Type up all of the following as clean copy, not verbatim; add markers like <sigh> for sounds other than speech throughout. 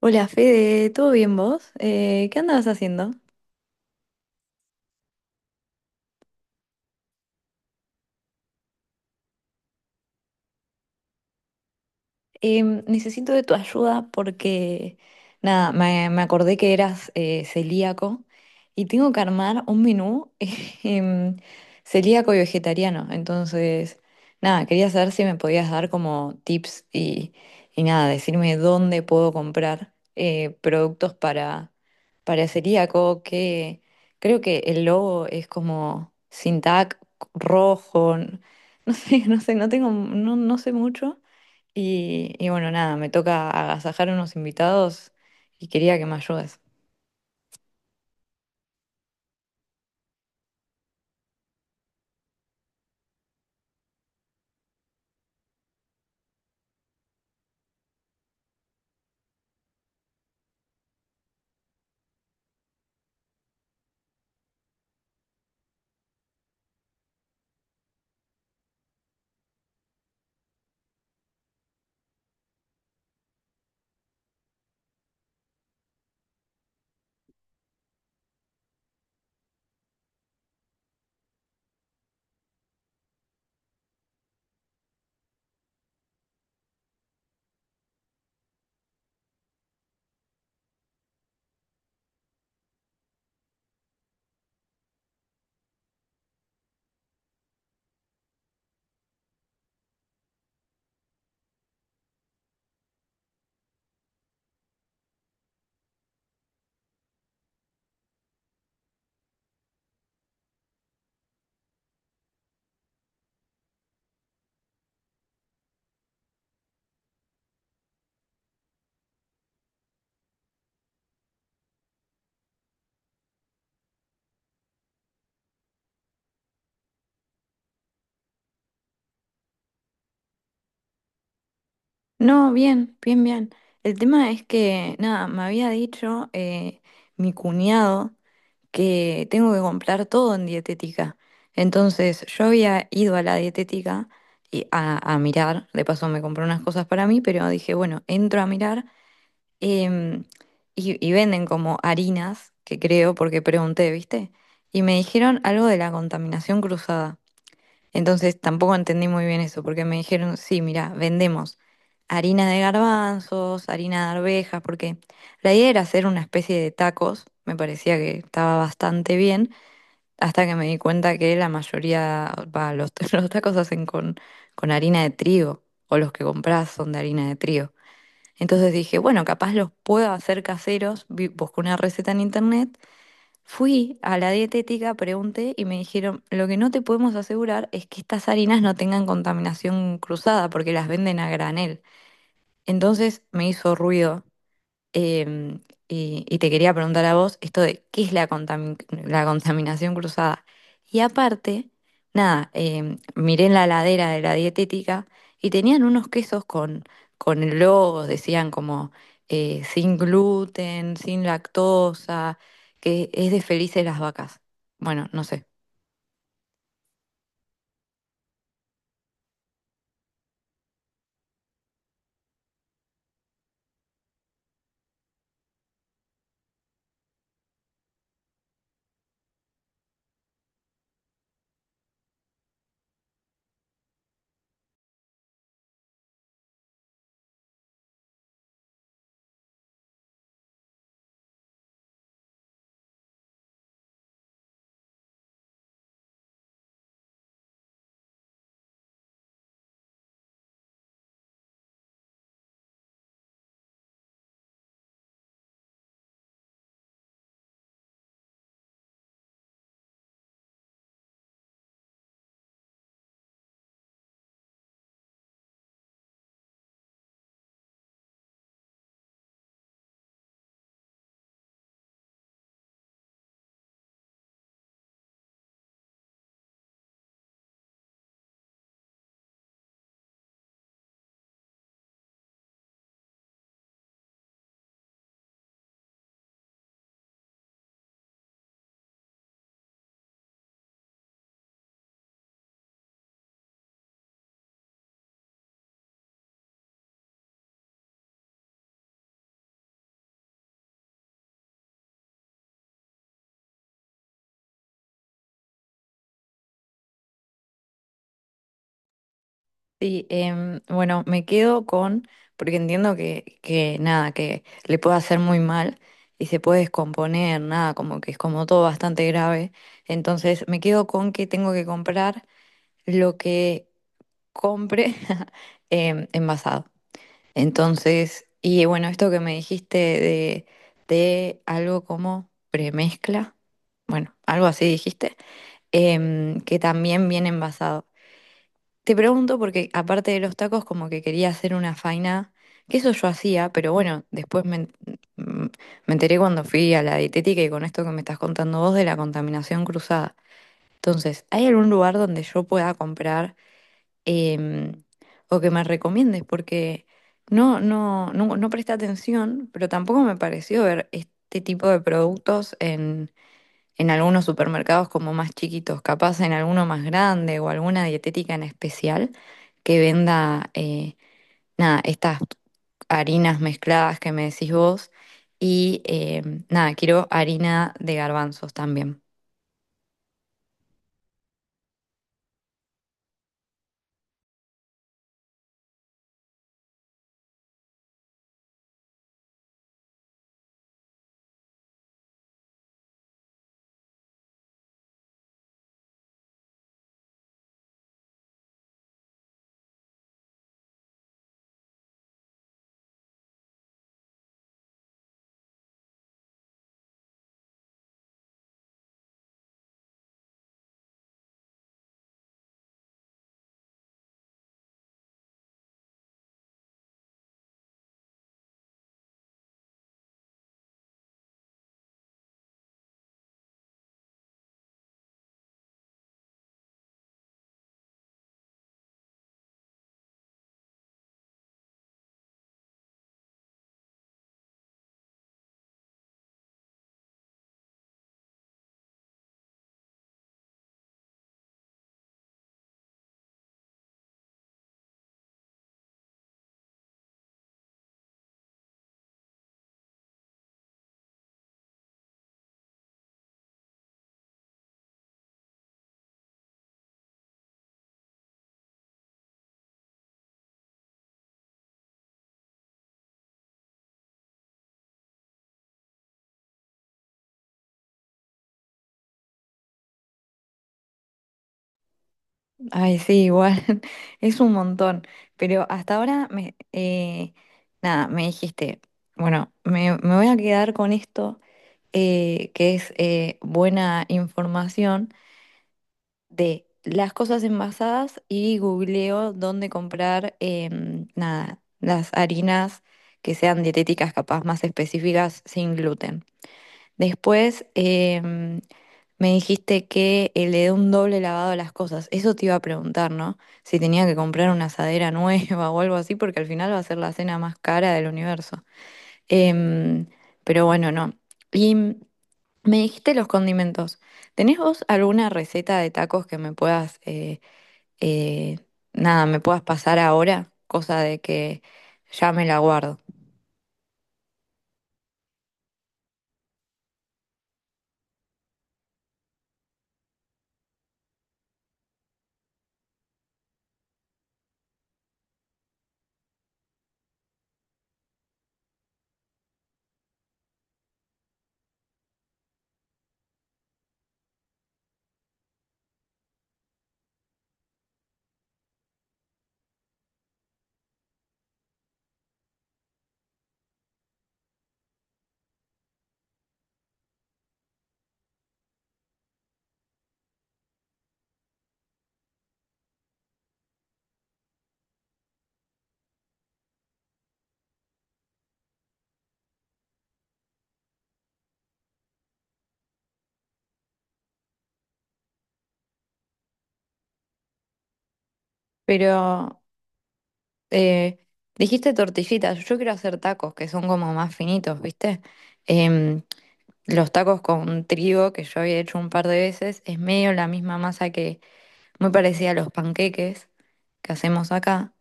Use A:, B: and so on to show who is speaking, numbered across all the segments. A: Hola Fede, ¿todo bien vos? ¿Qué andabas haciendo? Necesito de tu ayuda porque, nada, me acordé que eras celíaco y tengo que armar un menú <laughs> em, celíaco y vegetariano. Entonces, nada, quería saber si me podías dar como tips y nada, decirme dónde puedo comprar productos para celíaco, que creo que el logo es como sin tag rojo, no sé, <laughs> no sé, no tengo, no, no sé mucho. Y bueno, nada, me toca agasajar a unos invitados y quería que me ayudes. No, bien, bien, bien. El tema es que, nada, me había dicho mi cuñado que tengo que comprar todo en dietética. Entonces, yo había ido a la dietética y a mirar, de paso me compré unas cosas para mí, pero dije, bueno, entro a mirar, em, y venden como harinas, que creo, porque pregunté, ¿viste? Y me dijeron algo de la contaminación cruzada. Entonces tampoco entendí muy bien eso, porque me dijeron, sí, mira, vendemos harina de garbanzos, harina de arvejas, porque la idea era hacer una especie de tacos, me parecía que estaba bastante bien, hasta que me di cuenta que la mayoría, va, los, <laughs> los tacos se hacen con harina de trigo, o los que compras son de harina de trigo. Entonces dije, bueno, capaz los puedo hacer caseros, busqué una receta en internet. Fui a la dietética, pregunté y me dijeron, lo que no te podemos asegurar es que estas harinas no tengan contaminación cruzada porque las venden a granel. Entonces me hizo ruido. Em, y te quería preguntar a vos esto de qué es la la contaminación cruzada. Y aparte, nada, miré en la ladera de la dietética y tenían unos quesos con el logo, decían como sin gluten, sin lactosa, que es de Felices las Vacas. Bueno, no sé. Sí, bueno, me quedo con, porque entiendo que nada, que le puede hacer muy mal y se puede descomponer, nada, como que es como todo bastante grave. Entonces me quedo con que tengo que comprar lo que compre <laughs> envasado. Entonces, y bueno, esto que me dijiste de algo como premezcla, bueno, algo así dijiste, que también viene envasado. Te pregunto porque aparte de los tacos como que quería hacer una faina, que eso yo hacía, pero bueno, después mm, me enteré cuando fui a la dietética y con esto que me estás contando vos de la contaminación cruzada. Entonces, ¿hay algún lugar donde yo pueda comprar, em, o que me recomiendes? Porque no, no, no, no presté atención, pero tampoco me pareció ver este tipo de productos en algunos supermercados como más chiquitos, capaz en alguno más grande o alguna dietética en especial que venda, nada, estas harinas mezcladas que me decís vos. Y nada, quiero harina de garbanzos también. Ay, sí, igual, <laughs> es un montón. Pero hasta ahora, me, nada, me dijiste, bueno, me voy a quedar con esto, que es buena información. De las cosas envasadas y googleo dónde comprar, nada, las harinas que sean dietéticas, capaz más específicas, sin gluten. Después me dijiste que le dé un doble lavado a las cosas. Eso te iba a preguntar, ¿no? Si tenía que comprar una asadera nueva <laughs> o algo así, porque al final va a ser la cena más cara del universo. Em, pero bueno, no. Y me dijiste los condimentos. ¿Tenés vos alguna receta de tacos que me puedas, eh, nada, me puedas pasar ahora? Cosa de que ya me la guardo. Pero eh, dijiste tortillitas. Yo quiero hacer tacos que son como más finitos, ¿viste? Em, los tacos con trigo, que yo había hecho un par de veces, es medio la misma masa que, muy parecida a los panqueques que hacemos acá.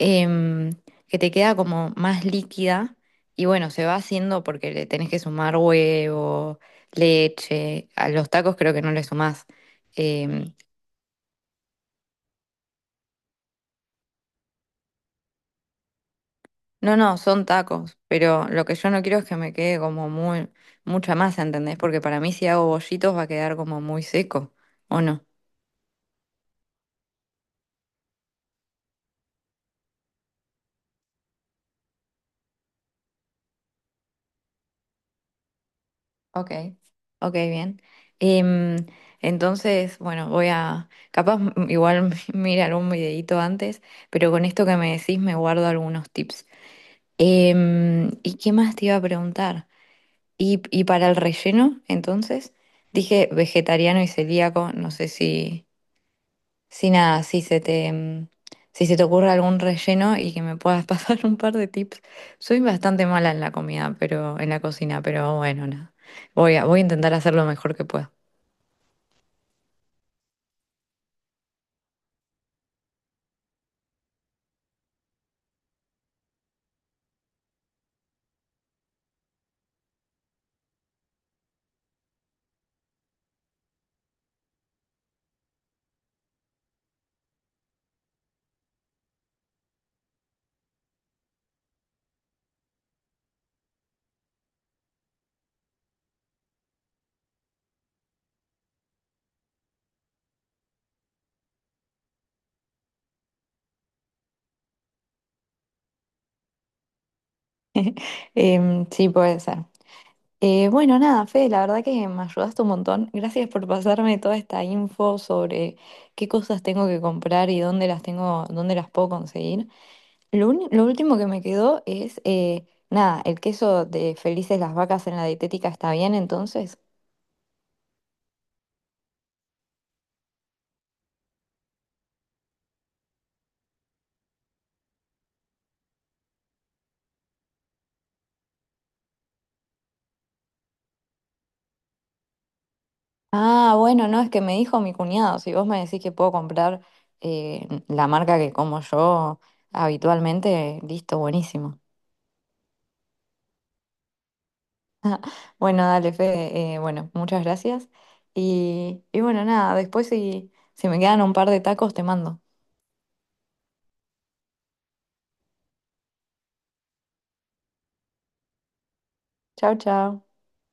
A: em, que te queda como más líquida y bueno, se va haciendo porque le tenés que sumar huevo, leche, a los tacos creo que no le sumás. em, no, no, son tacos, pero lo que yo no quiero es que me quede como muy, mucha masa, ¿entendés? Porque para mí si hago bollitos va a quedar como muy seco, ¿o no? Ok, ok, bien. Em, entonces, bueno, voy a, capaz igual <laughs> mira algún videito antes, pero con esto que me decís me guardo algunos tips. ¿Y qué más te iba a preguntar? Y para el relleno, entonces? Dije vegetariano y celíaco, no sé si, si nada, si se te, si se te ocurre algún relleno y que me puedas <laughs> pasar un par de tips. Soy bastante mala en la comida, pero en la cocina, pero bueno, nada. Voy a, voy a intentar hacer lo mejor que pueda. Sí, puede ser. Bueno, nada, Fede, la verdad que me ayudaste un montón. Gracias por pasarme toda esta info sobre qué cosas tengo que comprar y dónde las tengo, dónde las puedo conseguir. Lo, lo último que me quedó es, nada, el queso de Felices las Vacas en la dietética está bien, entonces. Ah, bueno, no, es que me dijo mi cuñado, si vos me decís que puedo comprar la marca que como yo habitualmente, listo, buenísimo. <laughs> Bueno, dale, Fede. Bueno, muchas gracias. Y bueno, nada, después si, si me quedan un par de tacos, te mando. Chao, chao.